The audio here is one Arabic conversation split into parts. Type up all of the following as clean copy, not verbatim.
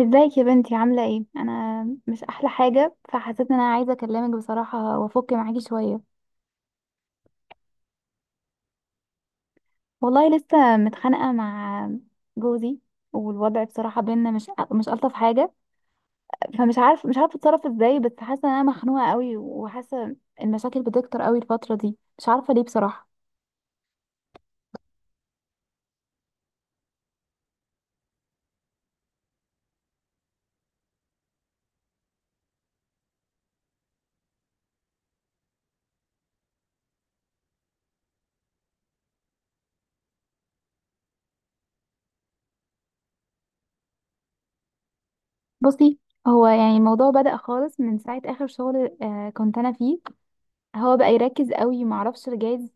ازيك يا بنتي، عاملة ايه؟ انا مش احلى حاجة، فحسيت ان انا عايزة اكلمك بصراحة وافك معاكي شوية. والله لسه متخانقة مع جوزي، والوضع بصراحة بينا مش الطف حاجة. فمش عارف مش عارفة اتصرف ازاي، بس حاسة ان انا مخنوقة قوي، وحاسة المشاكل بتكتر قوي الفترة دي، مش عارفة ليه بصراحة. بصي، هو يعني الموضوع بدأ خالص من ساعة اخر شغل، كنت انا فيه. هو بقى يركز قوي، معرفش جايز،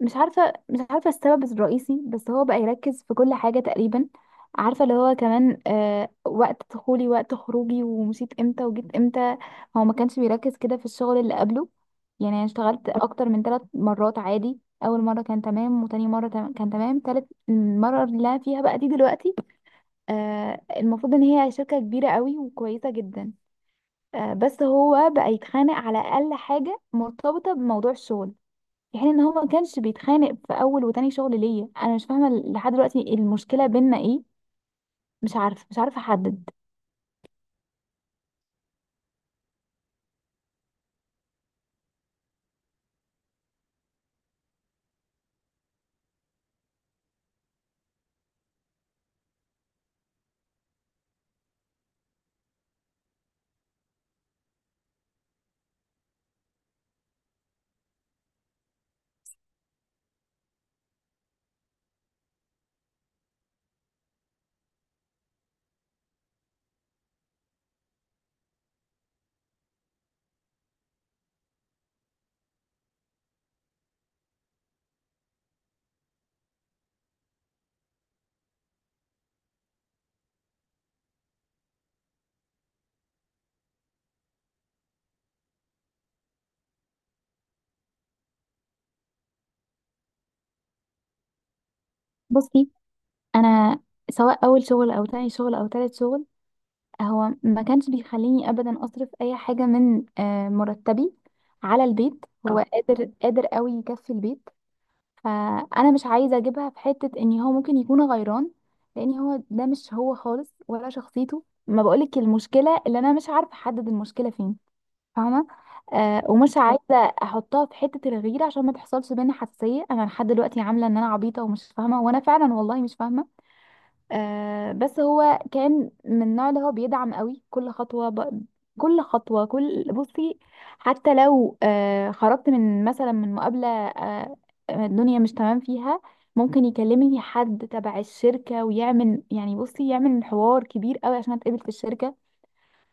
مش عارفة السبب الرئيسي، بس هو بقى يركز في كل حاجة تقريبا. عارفة اللي هو كمان، وقت دخولي وقت خروجي ومشيت امتى وجيت امتى. هو ما كانش بيركز كده في الشغل اللي قبله. يعني انا اشتغلت اكتر من ثلاث مرات عادي، اول مرة كان تمام، وتاني مرة كان تمام، تالت مرة اللي أنا فيها بقى دي دلوقتي. المفروض ان هي شركة كبيرة قوي وكويسة جدا. بس هو بقى يتخانق على اقل حاجة مرتبطة بموضوع الشغل، في حين ان هو ما كانش بيتخانق في اول وتاني شغل ليا. انا مش فاهمه لحد دلوقتي المشكله بينا ايه، مش عارفه احدد. بصي، انا سواء اول شغل او تاني شغل او تالت شغل، هو ما كانش بيخليني ابدا اصرف اي حاجه من مرتبي على البيت. هو قادر قادر قوي يكفي البيت، فانا مش عايزه اجيبها في حته ان هو ممكن يكون غيران، لان هو ده مش هو خالص ولا شخصيته. ما بقولك المشكله اللي انا مش عارفه احدد المشكله فين، فاهمه؟ ومش عايزه احطها في حته الغيره عشان ما تحصلش بينا حساسيه. انا لحد دلوقتي عامله ان انا عبيطه ومش فاهمه، وانا فعلا والله مش فاهمه. بس هو كان من النوع اللي هو بيدعم قوي كل خطوه، ب... كل خطوه كل بصي، حتى لو خرجت من مثلا من مقابله، الدنيا مش تمام فيها، ممكن يكلمني حد تبع الشركه ويعمل، يعني بصي، يعمل حوار كبير قوي عشان اتقبل في الشركه.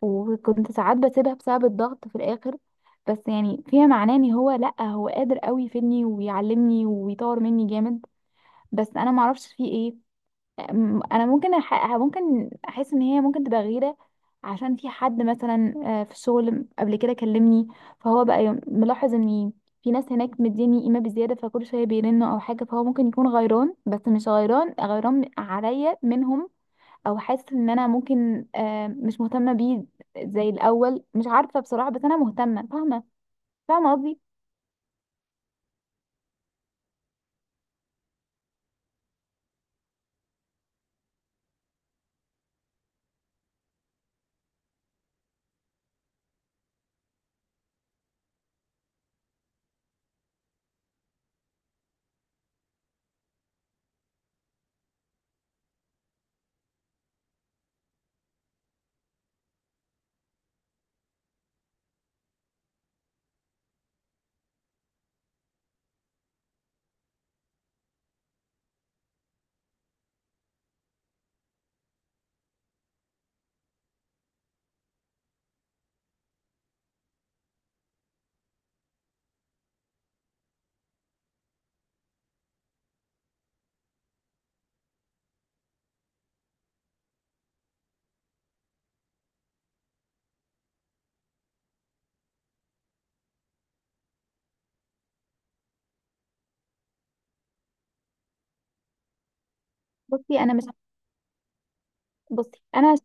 وكنت ساعات بسيبها بسبب الضغط في الاخر. بس يعني فيها معناه ان هو، لا، هو قادر قوي يفيدني ويعلمني ويطور مني جامد. بس انا ما اعرفش فيه ايه. انا ممكن احس ان هي ممكن تبقى غيره، عشان في حد مثلا في الشغل قبل كده كلمني، فهو بقى ملاحظ ان في ناس هناك مديني قيمه بزياده، فكل شويه بيرنوا او حاجه، فهو ممكن يكون غيران، بس مش غيران غيران عليا منهم، او حاسه ان انا ممكن مش مهتمه بيه زي الاول. مش عارفه بصراحه، بس انا مهتمه، فاهمه؟ فاهمه قصدي. بصي انا مش بصي انا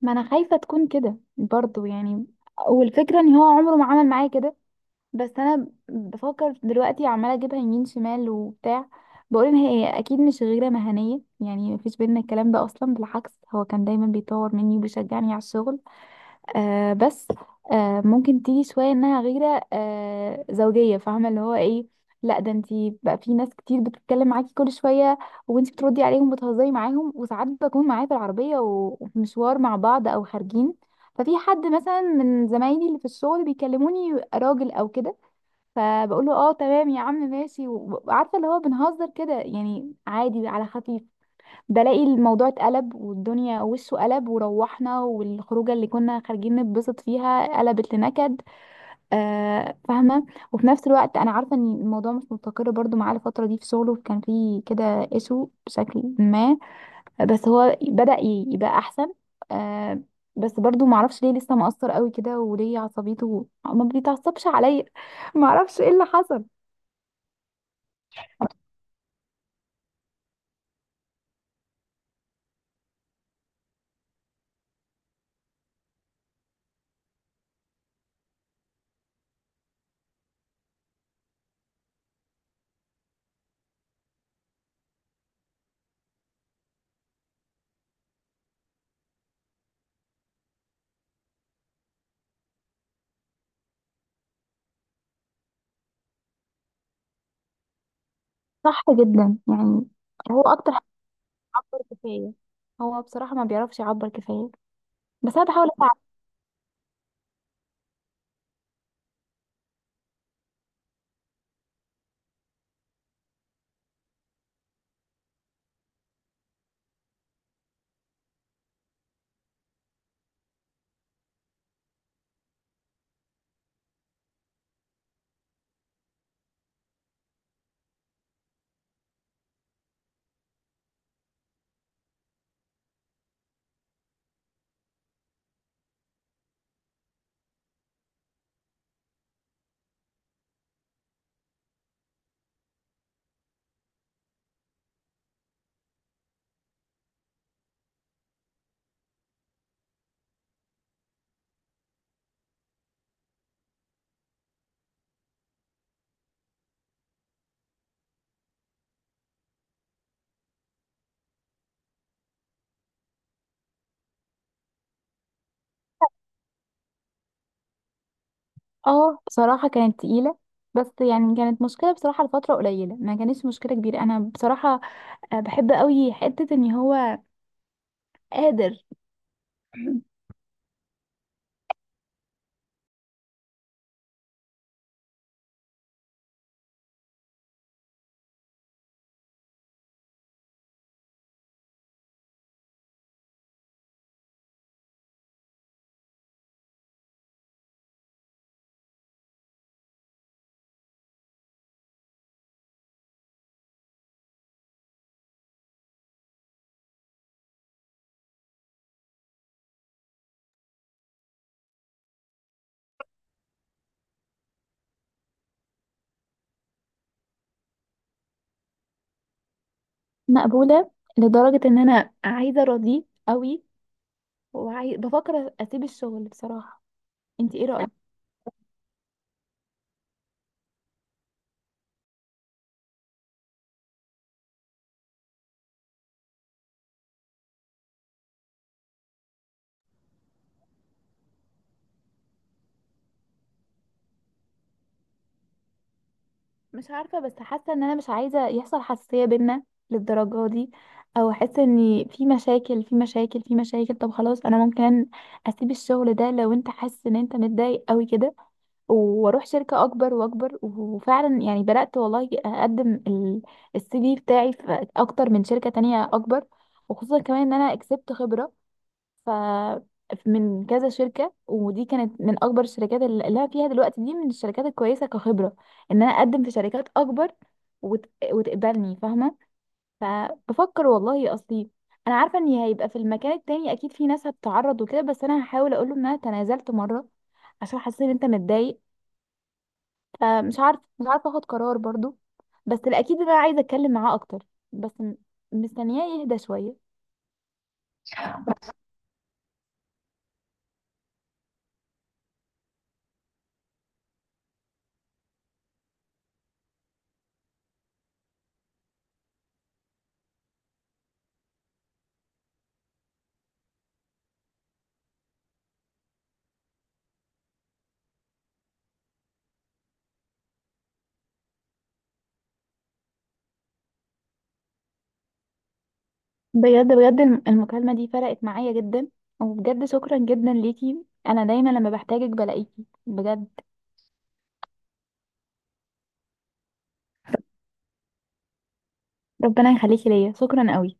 ما انا خايفه تكون كده برضو يعني، والفكره ان هو عمره ما عمل معايا كده، بس انا بفكر دلوقتي عماله اجيبها يمين شمال وبتاع. بقول ان هي اكيد مش غيره مهنيه، يعني مفيش بينا الكلام ده اصلا، بالعكس هو كان دايما بيطور مني وبيشجعني على الشغل. بس ممكن تيجي شوية انها غيرة زوجية، فاهمة اللي هو ايه؟ لا ده انتي بقى في ناس كتير بتتكلم معاكي كل شوية، وانتي بتردي عليهم وبتهزري معاهم، وساعات بكون معايا في العربية و- وفي مشوار مع بعض او خارجين. ففي حد مثلا من زمايلي اللي في الشغل بيكلموني راجل او كده، فبقول له اه تمام يا عم ماشي، وعارفة اللي هو بنهزر كده يعني عادي على خفيف. بلاقي الموضوع اتقلب والدنيا وشه قلب وروحنا، والخروجه اللي كنا خارجين نتبسط فيها قلبت لنكد. آه، فاهمه. وفي نفس الوقت انا عارفه ان الموضوع مش مستقر برضو معاه الفتره دي، في شغله كان فيه كده ايشو بشكل ما، بس هو بدأ يبقى احسن. آه بس برضو معرفش ليه لسه مقصر قوي كده، وليه عصبيته ما بيتعصبش عليا. معرفش ايه اللي حصل. صح جدا يعني، هو اكتر حاجه بيعبر كفايه، هو بصراحه ما بيعرفش يعبر كفايه، بس انا بحاول اتعب. اه، بصراحه كانت تقيله، بس يعني كانت مشكله بصراحه لفتره قليله، ما كانتش مشكله كبيره. انا بصراحه بحب قوي حته ان هو قادر. مقبوله، لدرجه ان انا عايزه ارضيه قوي، بفكر اسيب الشغل بصراحه. انت ايه رايك؟ مش عارفه، بس حاسه ان انا مش عايزه يحصل حساسيه بينا للدرجه دي، او احس ان في مشاكل في مشاكل في مشاكل. طب خلاص، انا ممكن اسيب الشغل ده لو انت حاسس ان انت متضايق قوي كده، واروح شركة اكبر واكبر. وفعلا يعني بدأت والله اقدم CV بتاعي في اكتر من شركة تانية اكبر، وخصوصا كمان ان انا كسبت خبرة ف من كذا شركة، ودي كانت من اكبر الشركات، اللي انا فيها دلوقتي دي من الشركات الكويسة كخبرة، ان انا اقدم في شركات اكبر وت... وتقبلني، فاهمة؟ فبفكر والله اصلي. انا عارفة ان هيبقى في المكان التاني اكيد في ناس هتتعرض وكده، بس انا هحاول اقول له ان انا تنازلت مرة عشان حاسس ان انت متضايق. فمش عارف مش عارفه اخد قرار برضو، بس الاكيد ان انا عايزه اتكلم معاه اكتر، بس مستنياه يهدى شويه. بجد بجد، المكالمه دي فرقت معايا جدا، وبجد شكرا جدا ليكي، انا دايما لما بحتاجك بلاقيكي بجد. ربنا يخليكي ليا، شكرا قوي.